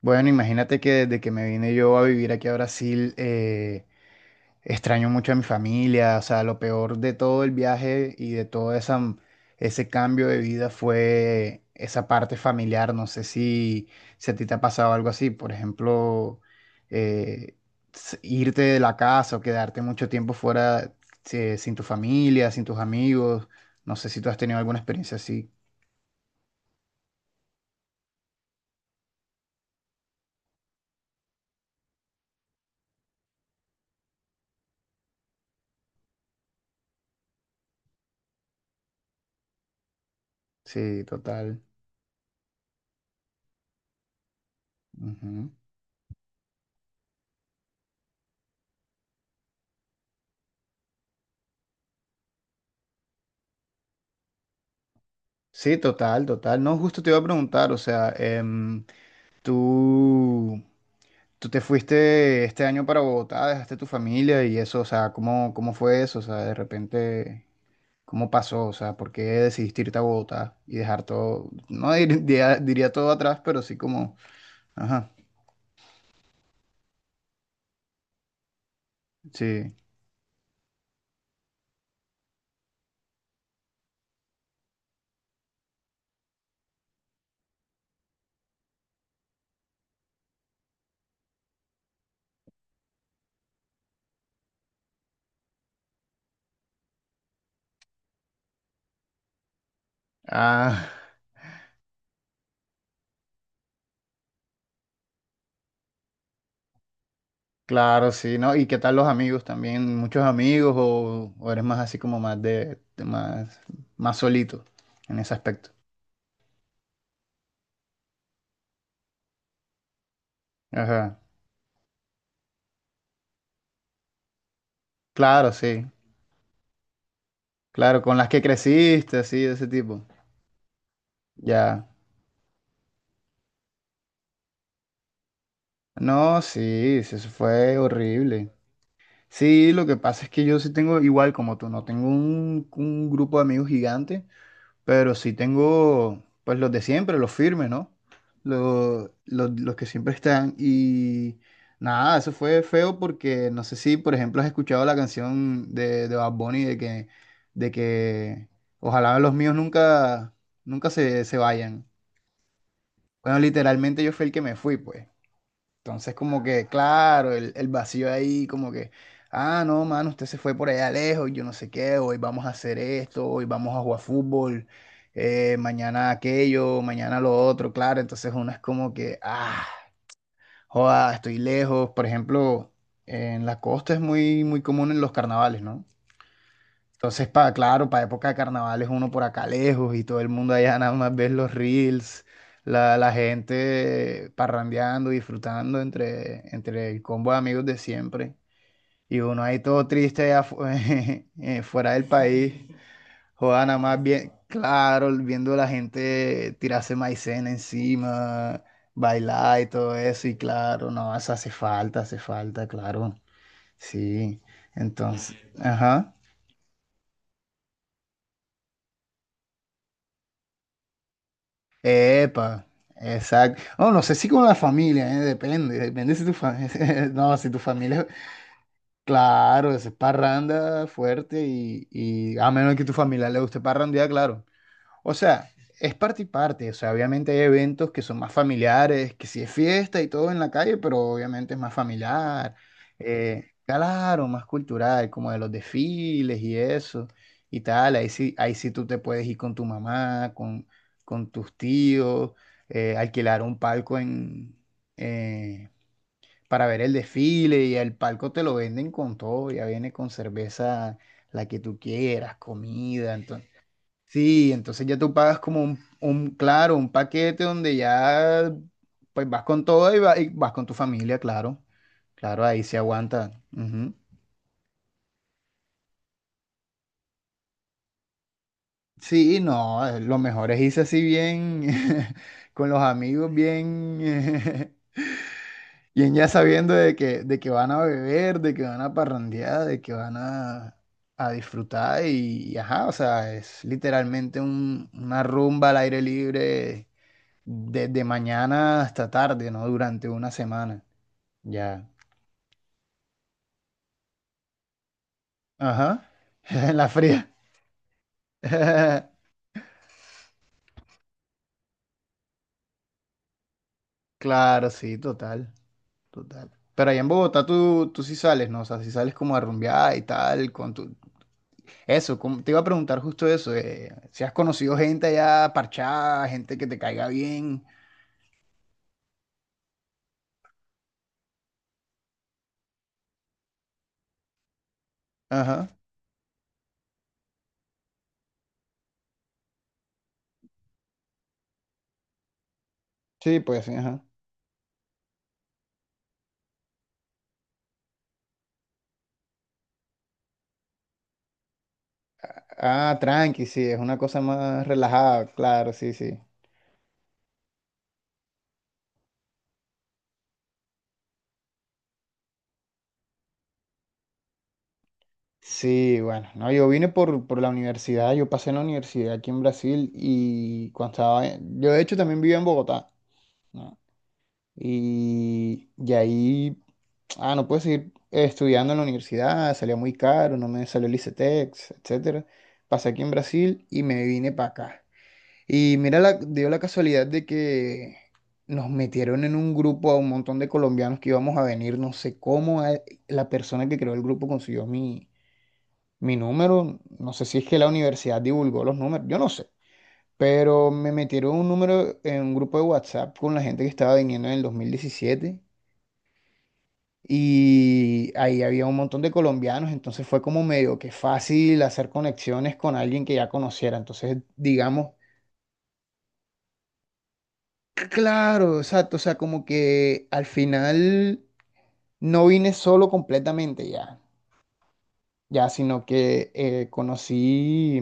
Bueno, imagínate que desde que me vine yo a vivir aquí a Brasil, extraño mucho a mi familia. O sea, lo peor de todo el viaje y de todo ese cambio de vida fue esa parte familiar. No sé si a ti te ha pasado algo así. Por ejemplo, eh, irte de la casa o quedarte mucho tiempo fuera, sin tu familia, sin tus amigos. No sé si tú has tenido alguna experiencia así. Sí, total. Ujú. Sí, total, total. No, justo te iba a preguntar, o sea, tú, tú te fuiste este año para Bogotá, dejaste tu familia y eso, o sea, cómo fue eso? O sea, de repente, ¿cómo pasó? O sea, ¿por qué decidiste irte a Bogotá y dejar todo, no dir- diría todo atrás, pero sí como, ajá, sí. Ah, claro, sí, ¿no? ¿Y qué tal los amigos también? ¿Muchos amigos o eres más así como más de más, más solito en ese aspecto? Ajá. Claro, sí, claro, con las que creciste, así, de ese tipo. Ya. No, sí, sí, eso fue horrible. Sí, lo que pasa es que yo sí tengo, igual como tú, no tengo un grupo de amigos gigante, pero sí tengo, pues los de siempre, los firmes, ¿no? Los que siempre están. Y nada, eso fue feo porque no sé si, por ejemplo, has escuchado la canción de Bad Bunny de que ojalá los míos nunca se vayan. Bueno, literalmente yo fui el que me fui, pues. Entonces, como que, claro, el vacío ahí, como que, ah, no, mano, usted se fue por allá lejos, yo no sé qué, hoy vamos a hacer esto, hoy vamos a jugar fútbol, mañana aquello, mañana lo otro, claro. Entonces, uno es como que, ah, joda, estoy lejos. Por ejemplo, en la costa es muy, muy común en los carnavales, ¿no? Entonces, claro, para época de carnavales uno por acá lejos y todo el mundo allá nada más ves los reels, la gente parrandeando, disfrutando entre el combo de amigos de siempre. Y uno ahí todo triste fuera del país, joda nada más bien, claro, viendo a la gente tirarse maicena encima, bailar y todo eso. Y claro, no, eso hace falta, claro. Sí, entonces, ajá. Epa, exacto. No, no sé si con la familia, ¿eh? Depende, depende si tu familia, no, si tu familia, claro, es parranda fuerte y a menos que tu familia le guste parrandear, claro. O sea, es parte y parte. O sea, obviamente hay eventos que son más familiares, que si es fiesta y todo en la calle, pero obviamente es más familiar. Eh, claro, más cultural, como de los desfiles y eso y tal. Ahí sí tú te puedes ir con tu mamá, con tus tíos, alquilar un palco en, eh, para ver el desfile y el palco te lo venden con todo. Ya viene con cerveza, la que tú quieras, comida. Sí, entonces ya tú pagas como claro, un paquete donde ya pues vas con todo y vas con tu familia, claro. Claro, ahí se aguanta. Ujú. Sí, no, lo mejor es irse así bien con los amigos, bien, bien ya sabiendo de que van a beber, de que van a parrandear, de que van a disfrutar y ajá, o sea, es literalmente una rumba al aire libre desde mañana hasta tarde, ¿no? Durante una semana. Ya. Ajá. En la fría. Claro, sí, total, total. Pero allá en Bogotá tú sí sales, ¿no? O sea, si sales como a rumbear y tal, con tu... Eso, te iba a preguntar justo eso, si has conocido gente allá parchada, gente que te caiga bien. Ajá. Sí, pues sí, ajá. Ah, tranqui, sí, es una cosa más relajada, claro, sí, sí. Sí, bueno, no, yo vine por la universidad, yo pasé en la universidad aquí en Brasil y cuando yo de hecho también vivía en Bogotá, ¿no? Y ahí, ah, no pude seguir estudiando en la universidad, salía muy caro, no me salió el ICETEX, etcétera. Pasé aquí en Brasil y me vine para acá. Y mira, dio la casualidad de que nos metieron en un grupo a un montón de colombianos que íbamos a venir, no sé cómo, la persona que creó el grupo consiguió mi número, no sé si es que la universidad divulgó los números, yo no sé, pero me metieron un número en un grupo de WhatsApp con la gente que estaba viniendo en el 2017 y ahí había un montón de colombianos, entonces fue como medio que fácil hacer conexiones con alguien que ya conociera. Entonces, digamos, claro, exacto, o sea, como que al final no vine solo completamente ya, ya, sino que conocí.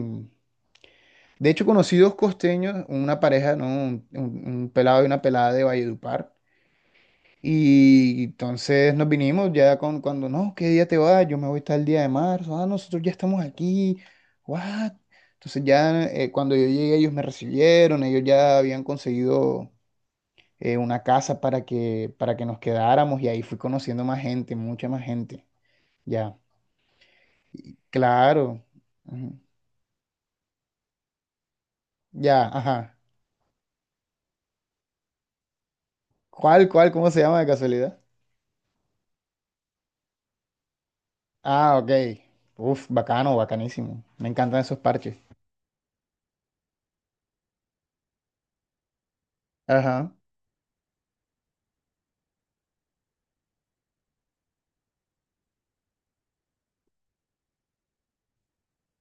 De hecho, conocí dos costeños, una pareja, ¿no? Un pelado y una pelada de Valledupar. Y entonces nos vinimos ya con, cuando, no, ¿qué día te vas? Yo me voy tal día de marzo. Ah, no, nosotros ya estamos aquí. What? Entonces ya cuando yo llegué, ellos me recibieron, ellos ya habían conseguido una casa para para que nos quedáramos y ahí fui conociendo más gente, mucha más gente. Ya, claro. Ujú. Ya, ajá. Cuál, cómo se llama de casualidad? Ah, ok. Uf, bacano, bacanísimo. Me encantan esos parches. Ajá,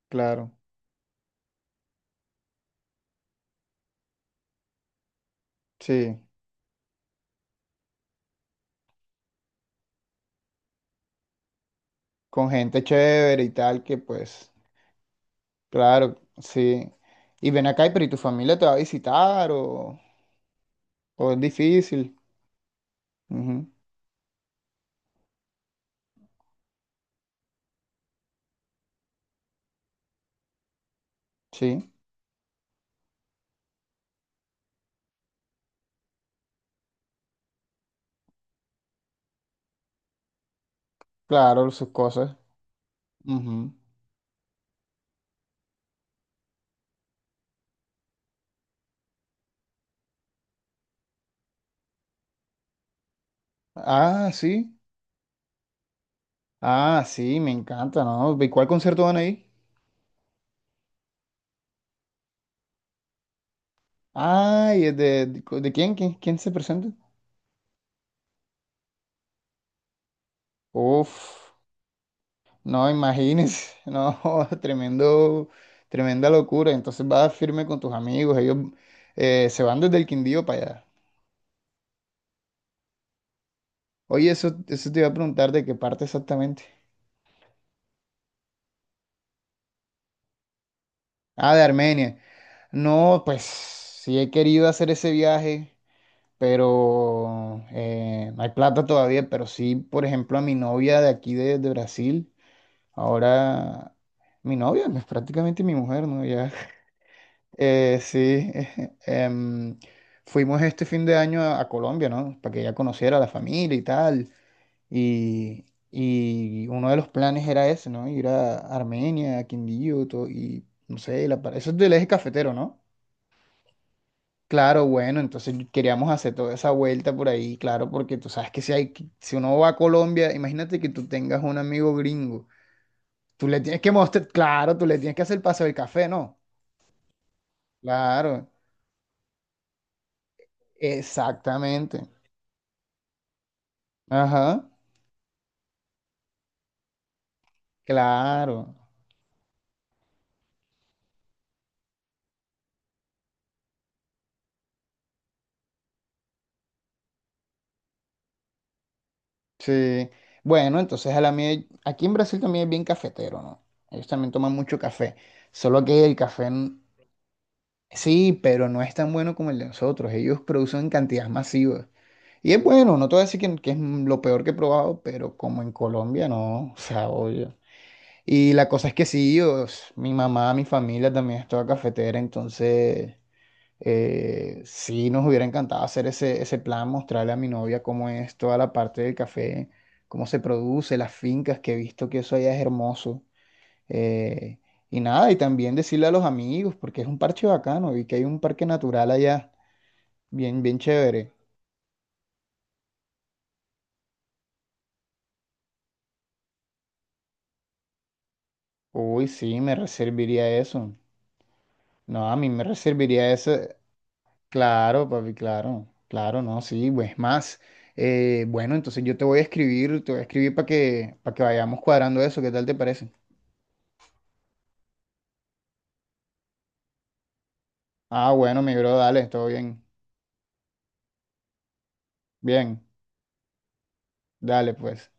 claro. Sí. Con gente chévere y tal, que pues, claro, sí. Y ven acá, y pero ¿y tu familia te va a visitar o es difícil? Ujú, sí, claro, sus cosas. Ujú. Ah, sí. Ah, sí, me encanta, ¿no? ¿Y cuál concierto van a ir? Ay, ¿es de quién? Quién se presenta? Uf. No, imagínense, no, tremendo, tremenda locura. Entonces vas firme con tus amigos, ellos se van desde el Quindío para allá. Oye, eso te iba a preguntar de qué parte exactamente. Ah, de Armenia. No, pues sí he querido hacer ese viaje, pero no hay plata todavía. Pero sí, por ejemplo, a mi novia de aquí de Brasil, ahora mi novia es prácticamente mi mujer, ¿no? Ya sí, em, fuimos este fin de año a Colombia, ¿no? Para que ella conociera a la familia y tal. Y, y uno de los planes era ese, ¿no? Ir a Armenia, a Quindío, y no sé, eso es del eje cafetero, ¿no? Claro, bueno, entonces queríamos hacer toda esa vuelta por ahí, claro, porque tú sabes que si si uno va a Colombia, imagínate que tú tengas un amigo gringo, tú le tienes que mostrar, claro, tú le tienes que hacer el paseo del café, ¿no? Claro, exactamente. Ajá. Claro, sí. Bueno, entonces a la mía, aquí en Brasil también es bien cafetero, ¿no? Ellos también toman mucho café, solo que sí, pero no es tan bueno como el de nosotros. Ellos producen en cantidades masivas. Y es bueno, no te voy a decir que es lo peor que he probado, pero como en Colombia, no, o sea, obvio. Y la cosa es que sí, mi mamá, mi familia también es toda cafetera, entonces... sí, nos hubiera encantado hacer ese plan, mostrarle a mi novia cómo es toda la parte del café, cómo se produce, las fincas, que he visto que eso allá es hermoso. Eh, y nada, y también decirle a los amigos, porque es un parche bacano, y que hay un parque natural allá, bien, bien chévere. Uy, sí, me reservaría eso. No, a mí me reservaría eso. Claro, papi, claro, claro, no, sí, pues más. Bueno, entonces yo te voy a escribir, te voy a escribir para para que vayamos cuadrando eso, ¿qué tal te parece? Ah, bueno, mi bro, dale, todo bien. Bien, dale, pues.